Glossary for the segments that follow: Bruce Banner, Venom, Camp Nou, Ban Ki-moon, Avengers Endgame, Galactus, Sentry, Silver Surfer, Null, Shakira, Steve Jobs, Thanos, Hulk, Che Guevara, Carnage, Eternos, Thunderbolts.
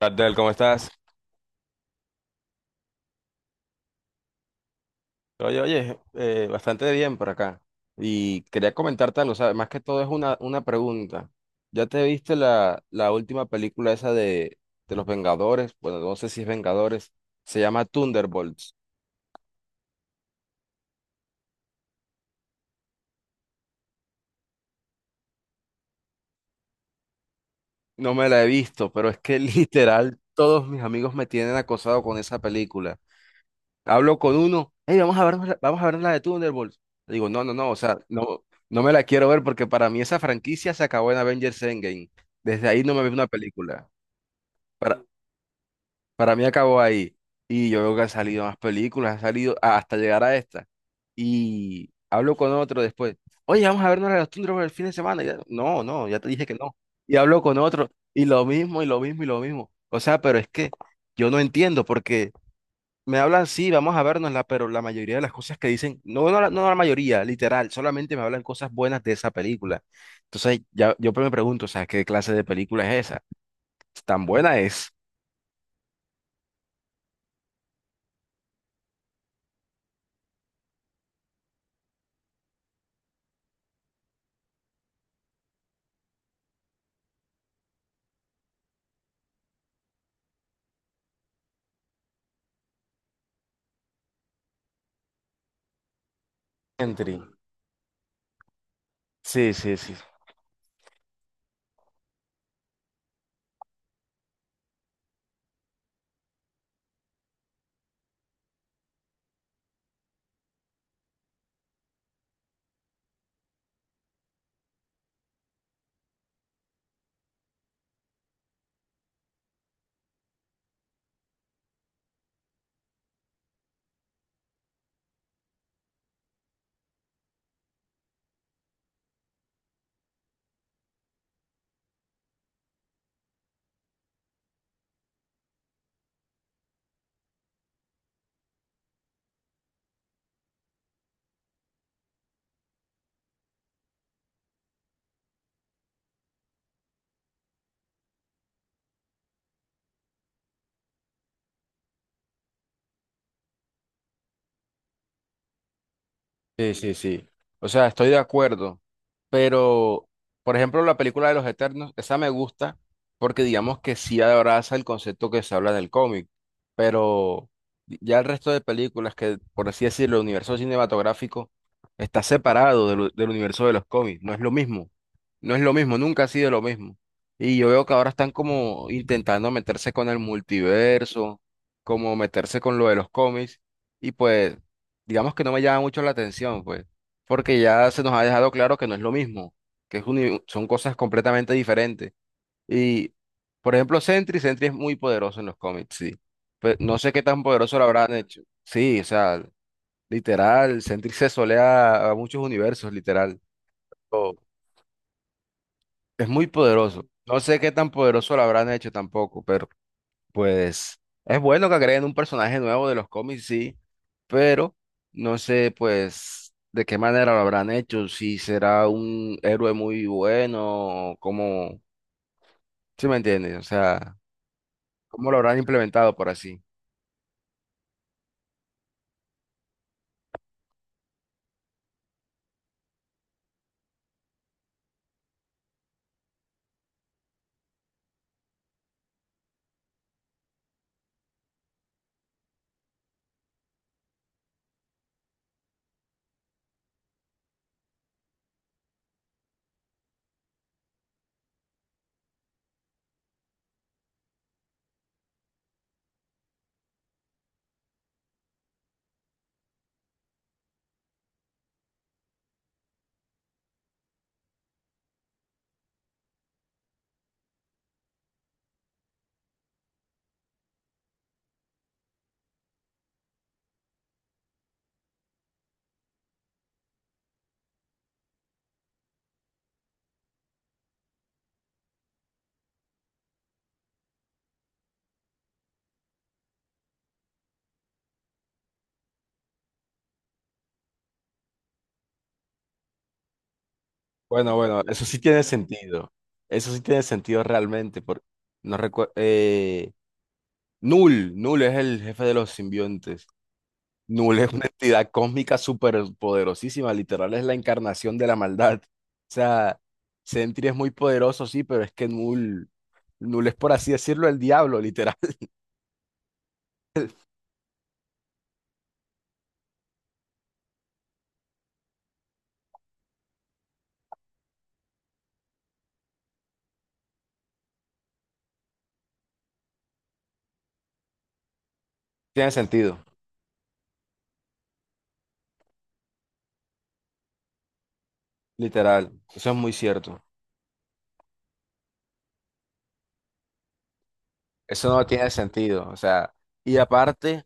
Abdel, ¿cómo estás? Bastante bien por acá. Y quería comentarte algo, o sea, más que todo es una pregunta. ¿Ya te viste la última película esa de los Vengadores? Bueno, no sé si es Vengadores, se llama Thunderbolts. No me la he visto, pero es que literal todos mis amigos me tienen acosado con esa película. Hablo con uno, hey, vamos a ver la de Thunderbolts. Le digo, no, no, no, o sea, no, no me la quiero ver porque para mí esa franquicia se acabó en Avengers Endgame. Desde ahí no me vi una película. Para, para mí acabó ahí. Y yo veo que han salido más películas, ha salido hasta llegar a esta. Y hablo con otro después. Oye, vamos a vernos la de los Thunderbolts el fin de semana. Y ya, no, no, ya te dije que no. Y hablo con otro, y lo mismo, y lo mismo, y lo mismo. O sea, pero es que yo no entiendo porque. Me hablan, sí, vamos a vernosla, pero la mayoría de las cosas que dicen, no, no, no la mayoría, literal, solamente me hablan cosas buenas de esa película. Entonces, ya, yo me pregunto, o sea, ¿qué clase de película es esa? ¿Tan buena es? Entry. Sí, sí, sí. Sí, sí, sí. O sea, estoy de acuerdo. Pero, por ejemplo, la película de los Eternos, esa me gusta porque digamos que sí abraza el concepto que se habla en el cómic, pero ya el resto de películas que, por así decirlo, el universo cinematográfico está separado del universo de los cómics, no es lo mismo, no es lo mismo, nunca ha sido lo mismo. Y yo veo que ahora están como intentando meterse con el multiverso, como meterse con lo de los cómics, y pues digamos que no me llama mucho la atención, pues porque ya se nos ha dejado claro que no es lo mismo, que es son cosas completamente diferentes. Y, por ejemplo, Sentry, Sentry es muy poderoso en los cómics, sí. Pero no sé qué tan poderoso lo habrán hecho. Sí, o sea, literal, Sentry se solea a muchos universos, literal. Oh, es muy poderoso. No sé qué tan poderoso lo habrán hecho tampoco, pero pues es bueno que agreguen un personaje nuevo de los cómics, sí, pero no sé pues de qué manera lo habrán hecho, si será un héroe muy bueno, o ¿cómo? ¿Sí me entiendes? O sea, ¿cómo lo habrán implementado por así? Bueno, bueno, eso sí tiene sentido. Eso sí tiene sentido realmente. Por no recuerdo. Null, Null es el jefe de los simbiontes. Null es una entidad cósmica súper poderosísima, literal es la encarnación de la maldad. O sea, Sentry es muy poderoso, sí, pero es que Null, Null es por así decirlo el diablo, literal. Tiene sentido, literal, eso es muy cierto. Eso no tiene sentido, o sea, y aparte...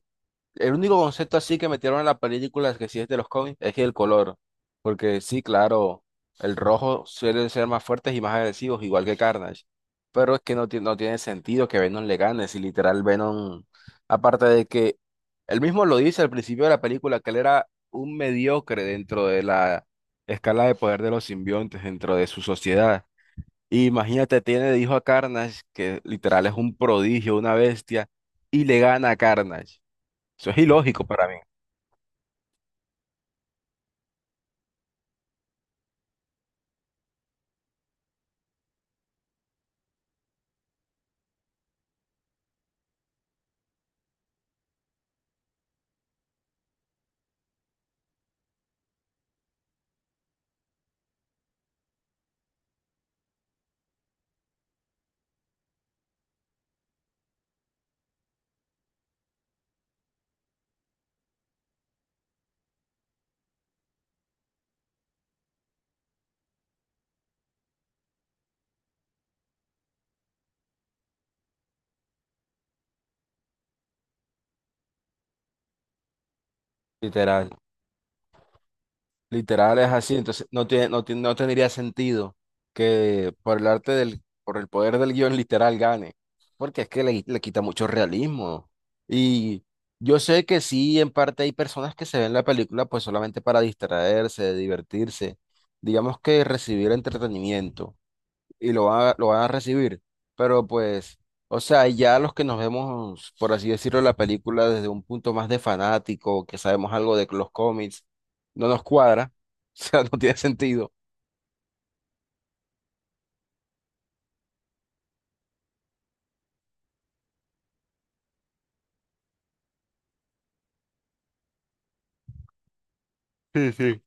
El único concepto así que metieron en la película es que sí es de los cómics, es que el color. Porque sí, claro, el rojo suele ser más fuertes y más agresivos, igual que Carnage. Pero es que no, no tiene sentido que Venom le gane, si literal Venom, aparte de que él mismo lo dice al principio de la película, que él era un mediocre dentro de la escala de poder de los simbiontes, dentro de su sociedad. Y imagínate, tiene de hijo a Carnage, que literal es un prodigio, una bestia, y le gana a Carnage. Eso es ilógico para mí. Literal, literal es así, entonces no tendría sentido que por el arte del, por el poder del guión literal gane, porque es que le quita mucho realismo. Y yo sé que sí, en parte hay personas que se ven la película pues solamente para distraerse, divertirse, digamos que recibir entretenimiento, y lo van a recibir. Pero pues, o sea, ya los que nos vemos, por así decirlo, la película desde un punto más de fanático, que sabemos algo de los cómics, no nos cuadra, o sea, no tiene sentido. Sí, sí.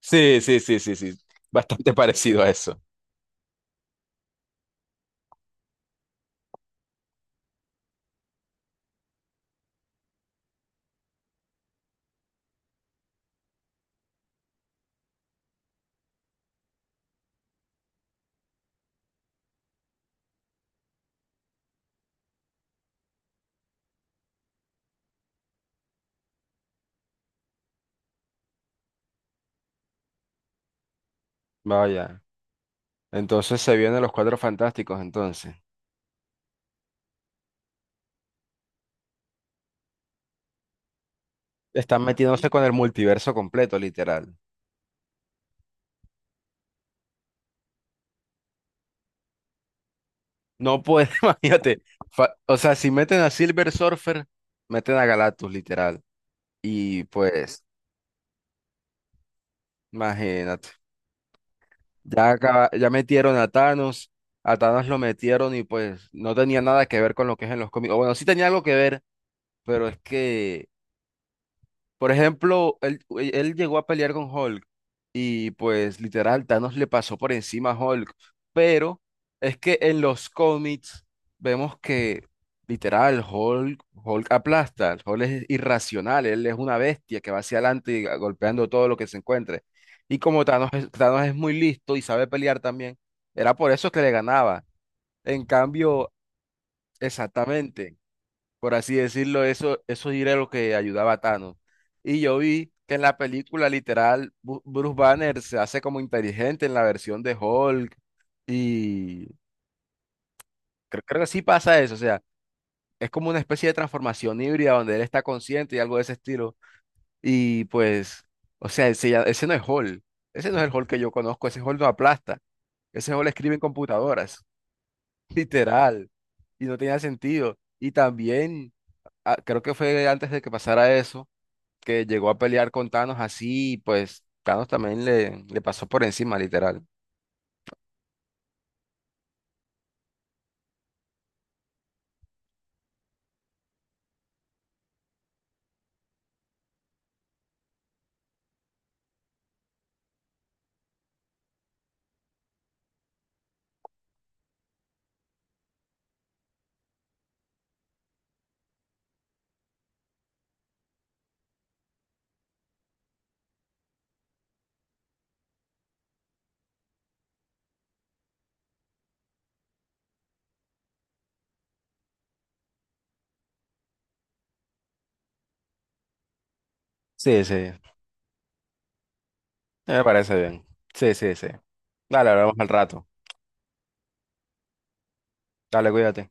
Sí, sí, sí, sí, sí, bastante parecido a eso. Vaya. Entonces se vienen los Cuatro Fantásticos, entonces. Están metiéndose con el multiverso completo, literal. No puede, imagínate. O sea, si meten a Silver Surfer, meten a Galactus, literal. Y pues... Imagínate. Ya, ya metieron a Thanos lo metieron y pues no tenía nada que ver con lo que es en los cómics. O bueno, sí tenía algo que ver, pero es que por ejemplo, él llegó a pelear con Hulk y pues literal Thanos le pasó por encima a Hulk, pero es que en los cómics vemos que literal Hulk, Hulk aplasta, Hulk es irracional, él es una bestia que va hacia adelante y golpeando todo lo que se encuentre. Y como Thanos es muy listo y sabe pelear también, era por eso que le ganaba. En cambio, exactamente por así decirlo, eso era lo que ayudaba a Thanos. Y yo vi que en la película literal, Bruce Banner se hace como inteligente en la versión de Hulk y creo que sí pasa eso, o sea, es como una especie de transformación híbrida donde él está consciente y algo de ese estilo. Y pues, o sea, ese no es Hulk, ese no es el Hulk que yo conozco, ese Hulk no aplasta, ese Hulk escribe en computadoras, literal, y no tenía sentido. Y también, ah, creo que fue antes de que pasara eso que llegó a pelear con Thanos así, y pues Thanos también le pasó por encima, literal. Sí, sí, me parece bien. Sí, sí, sí. Dale, hablamos al rato. Dale, cuídate.